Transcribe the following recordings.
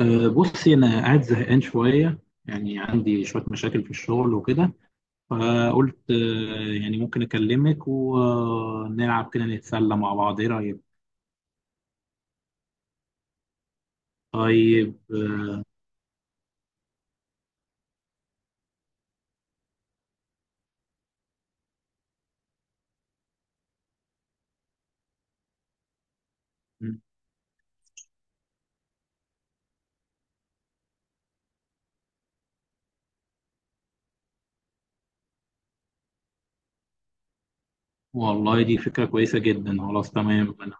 بصي، أنا قاعد زهقان شوية. يعني عندي شوية مشاكل في الشغل وكده، فقلت يعني ممكن أكلمك ونلعب كده نتسلى مع بعض، إيه رأيك؟ طيب، والله دي فكرة كويسة جدا، خلاص تمام أنا.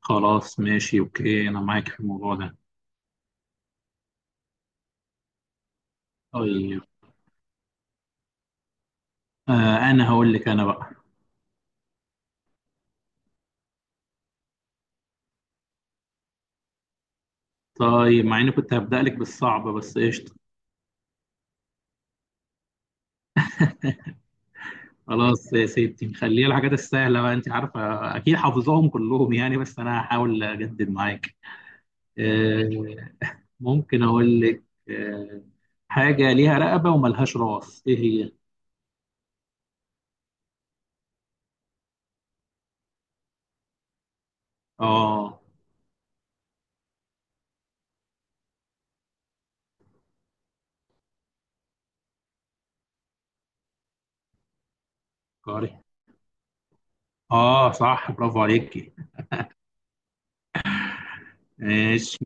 خلاص ماشي أوكي، أنا معاك في الموضوع ده. طيب، أه، أنا هقول لك أنا بقى. طيب، مع إني كنت هبدأ لك بالصعب، بس إيش. خلاص يا ستي، خليها الحاجات السهله بقى، انت عارفه. اكيد حافظاهم كلهم يعني، بس انا هحاول اجدد معاك. آه، ممكن اقول لك، آه، حاجه ليها رقبه وملهاش راس، ايه هي؟ اه. قاري. اه صح، برافو عليكي. ماشي.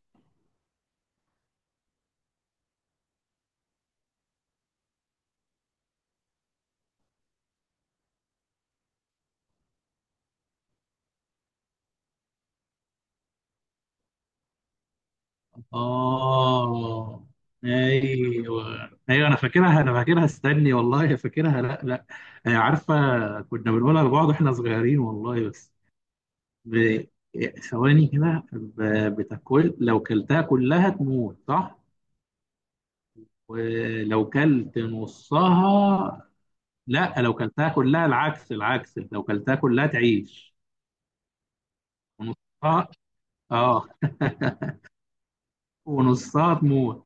اه ايوه ايوه، انا فاكرها، استني والله فاكرها، لا لا. عارفه، كنا بنقولها لبعض واحنا صغيرين والله، بس. ب- ثواني كده، بتاكل، لو كلتها كلها تموت، صح؟ ولو كلت نصها؟ لا، لو كلتها كلها العكس العكس، لو كلتها كلها تعيش. ونصها، اه، ونصها تموت.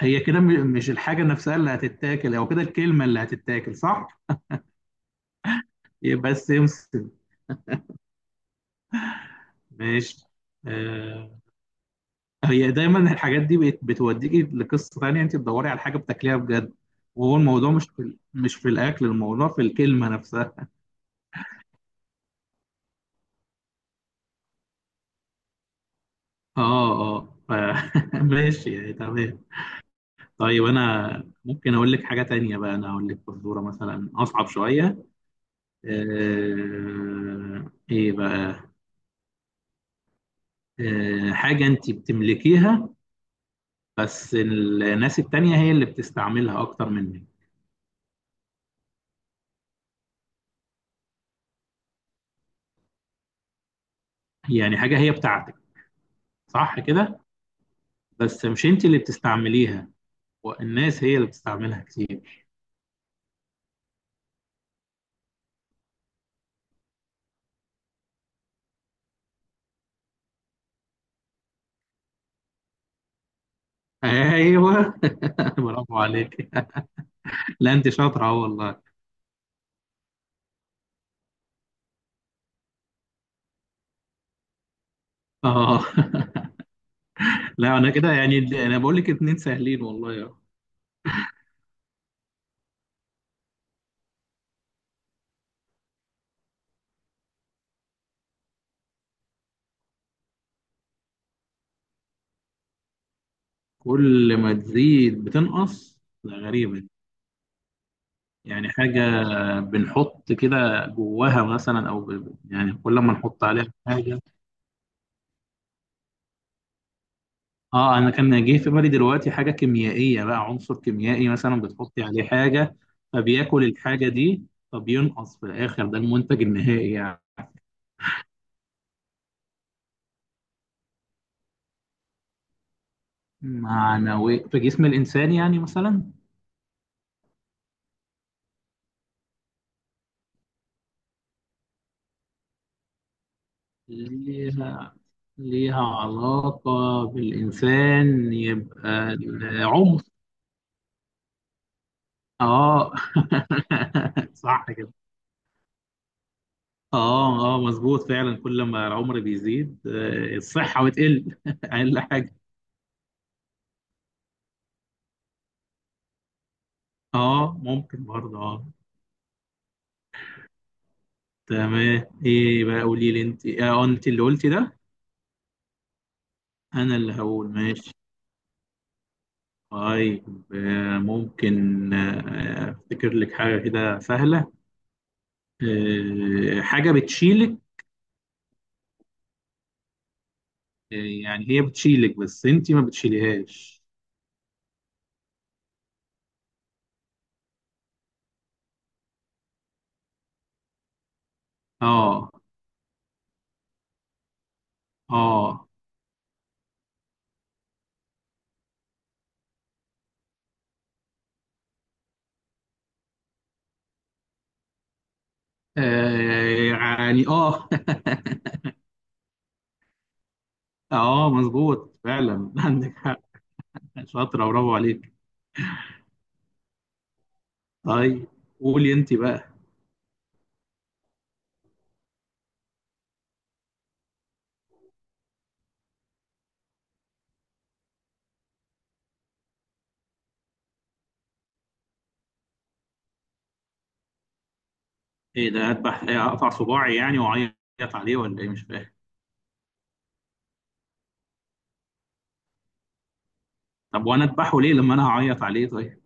هي كده مش الحاجة نفسها اللي هتتاكل او كده، الكلمة اللي هتتاكل، صح؟ يبقى السمسم. ماشي. آه، هي دايما الحاجات دي بتوديكي لقصه ثانيه، انت بتدوري على حاجه بتاكليها بجد، وهو الموضوع مش في مش في الاكل، الموضوع في الكلمه نفسها. اه اه، ماشي يعني، تمام. طيب، انا ممكن اقول لك حاجه تانية بقى، انا اقول لك فزوره مثلا اصعب شويه. ايه بقى، حاجه انت بتملكيها، بس الناس التانية هي اللي بتستعملها اكتر منك. يعني حاجه هي بتاعتك، صح كده؟ بس مش انت اللي بتستعمليها، والناس هي اللي بتستعملها كتير. ايوه. برافو عليك، لا انت شاطره أهو والله. اه، لا انا كده يعني، انا بقول لك اتنين سهلين والله يا. كل ما تزيد بتنقص، ده غريبه دي. يعني حاجه بنحط كده جواها مثلا، او يعني كل ما نحط عليها حاجه. اه، انا كان جه في بالي دلوقتي حاجه كيميائيه بقى، عنصر كيميائي مثلا بتحطي عليه حاجه، فبياكل الحاجه دي، فبينقص في الاخر، ده المنتج النهائي يعني. معنوي في جسم الإنسان يعني، مثلا. ليها ليها علاقة بالإنسان، يبقى العمر. اه، صح كده. اه اه، مظبوط فعلا، كل ما العمر بيزيد الصحة بتقل، أقل حاجة. اه ممكن برضه، اه. تمام، ايه بقى، قولي لي انت، اه انت اللي قلتي ده. انا اللي هقول، ماشي. طيب، ممكن افتكر لك حاجة كده سهلة. حاجة بتشيلك. آه، يعني هي بتشيلك بس انت ما بتشيليهاش. اه اه، يعني، اه. اه، مظبوط فعلا، عندك حق. شاطرة، برافو عليك. طيب، قولي انت بقى. ايه ده، اذبح إيه، اقطع صباعي يعني واعيط عليه، ولا ايه؟ مش فاهم. طب وانا اذبحه ليه لما انا هعيط عليه؟ طيب.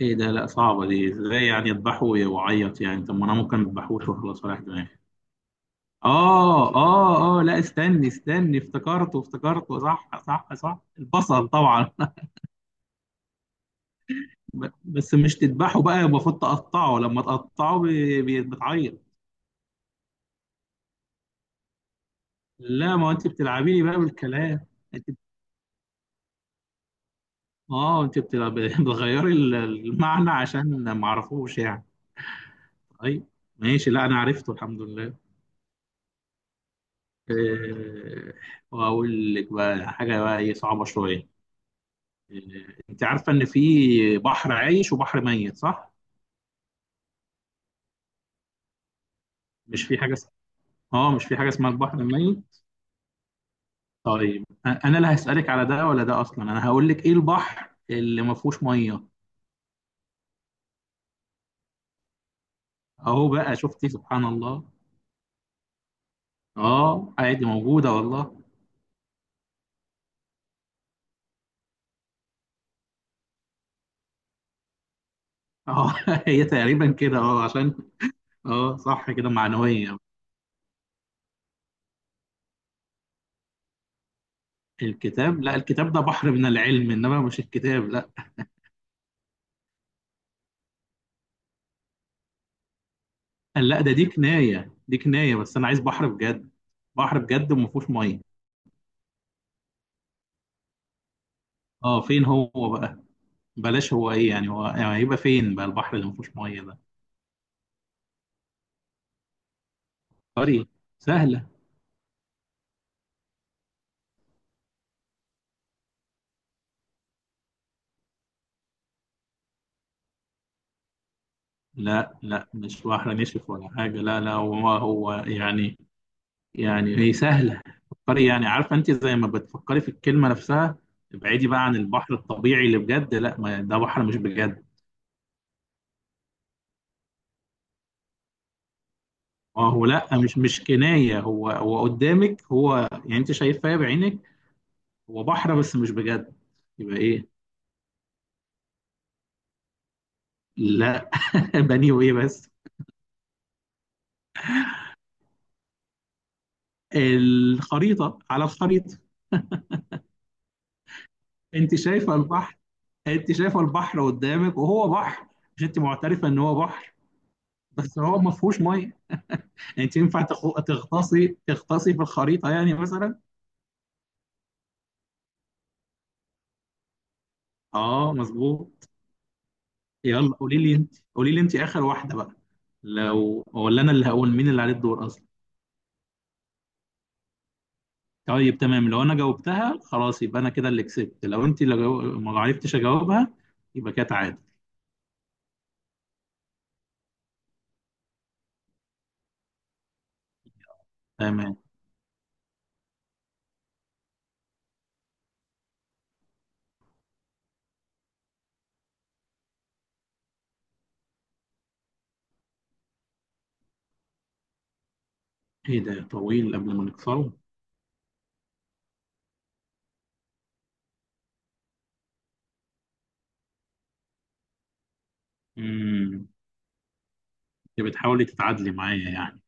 ايه ده، لا، صعبة دي ازاي يعني، اذبحه واعيط يعني؟ طب ما انا ممكن ما اذبحوش وخلاص، ولا؟ اه اه اه، لا، استني استني، افتكرته افتكرته، صح صح صح، البصل طبعا. بس مش تذبحه بقى، المفروض تقطعه، لما تقطعه بتعيط. لا، ما انت بتلعبي لي بقى بالكلام. انت. اه انت بتلعب، بتغيري المعنى عشان ما اعرفوش يعني. طيب ماشي، لا انا عرفته الحمد لله. آه، واقول لك بقى حاجه بقى، ايه صعبه شويه. انت عارفه ان في بحر عايش وبحر ميت، صح؟ مش في حاجه، اه، مش في حاجه اسمها البحر الميت. طيب، انا اللي هسالك على ده ولا ده اصلا؟ انا هقول لك، ايه البحر اللي ما فيهوش ميه؟ اهو بقى، شفتي؟ سبحان الله. اه عادي، موجوده والله. اه، هي تقريبا كده، اه عشان اه صح كده، معنويه. الكتاب؟ لا، الكتاب ده بحر من العلم، انما مش الكتاب، لا. لا، ده دي كنايه دي كنايه، بس انا عايز بحر بجد، بحر بجد وما فيهوش ميه. اه، فين هو بقى؟ بلاش، هو ايه يعني، هو يعني هيبقى فين بقى البحر اللي ما فيهوش ميه ده؟ قري، سهل. لا لا، مش بحر نشف ولا حاجة، لا لا، هو هو يعني، يعني هي سهلة. فكري يعني، عارفة أنت زي ما بتفكري في الكلمة نفسها. ابعدي بقى عن البحر الطبيعي اللي بجد، لا، ما ده بحر مش بجد. ما هو لا، مش كناية، هو هو قدامك هو، يعني أنت شايفاه بعينك، هو بحر بس مش بجد. يبقى إيه؟ لا، بني وإيه بس؟ الخريطة، على الخريطة. أنت شايفة البحر، أنت شايفة البحر قدامك وهو بحر، مش أنت معترفة إن هو بحر؟ بس هو ما فيهوش ميه، يعني انت ينفع تغطاسي في الخريطه يعني مثلا؟ اه مظبوط. يلا، قولي لي انت اخر واحده بقى، لو، ولا انا اللي هقول مين اللي عليه الدور اصلا؟ طيب تمام، لو انا جاوبتها خلاص، يبقى انا كده اللي كسبت، لو ما عرفتش اجاوبها، يبقى كده تعادل. تمام، ايه ده طويل قبل ما نكسره؟ امم. انت بتحاولي تتعادلي معايا يعني؟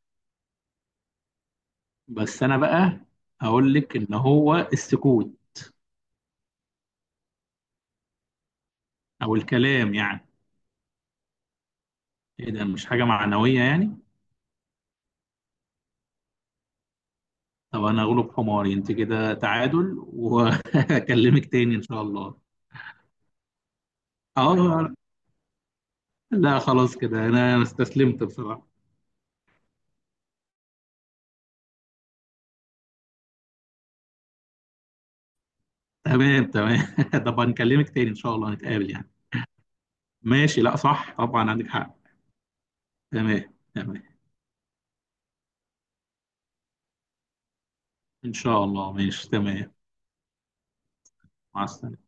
بس انا بقى هقول لك ان هو السكوت، او الكلام يعني. ايه ده، مش حاجه معنويه يعني؟ طب انا اغلب حماري، انت كده تعادل، وهكلمك تاني ان شاء الله. اه لا، خلاص كده، انا استسلمت بصراحة. تمام تمام، طب هنكلمك تاني ان شاء الله، نتقابل يعني. ماشي، لا صح طبعا، عندك حق. تمام تمام، ان شاء الله، ماشي، تمام. مع السلامة.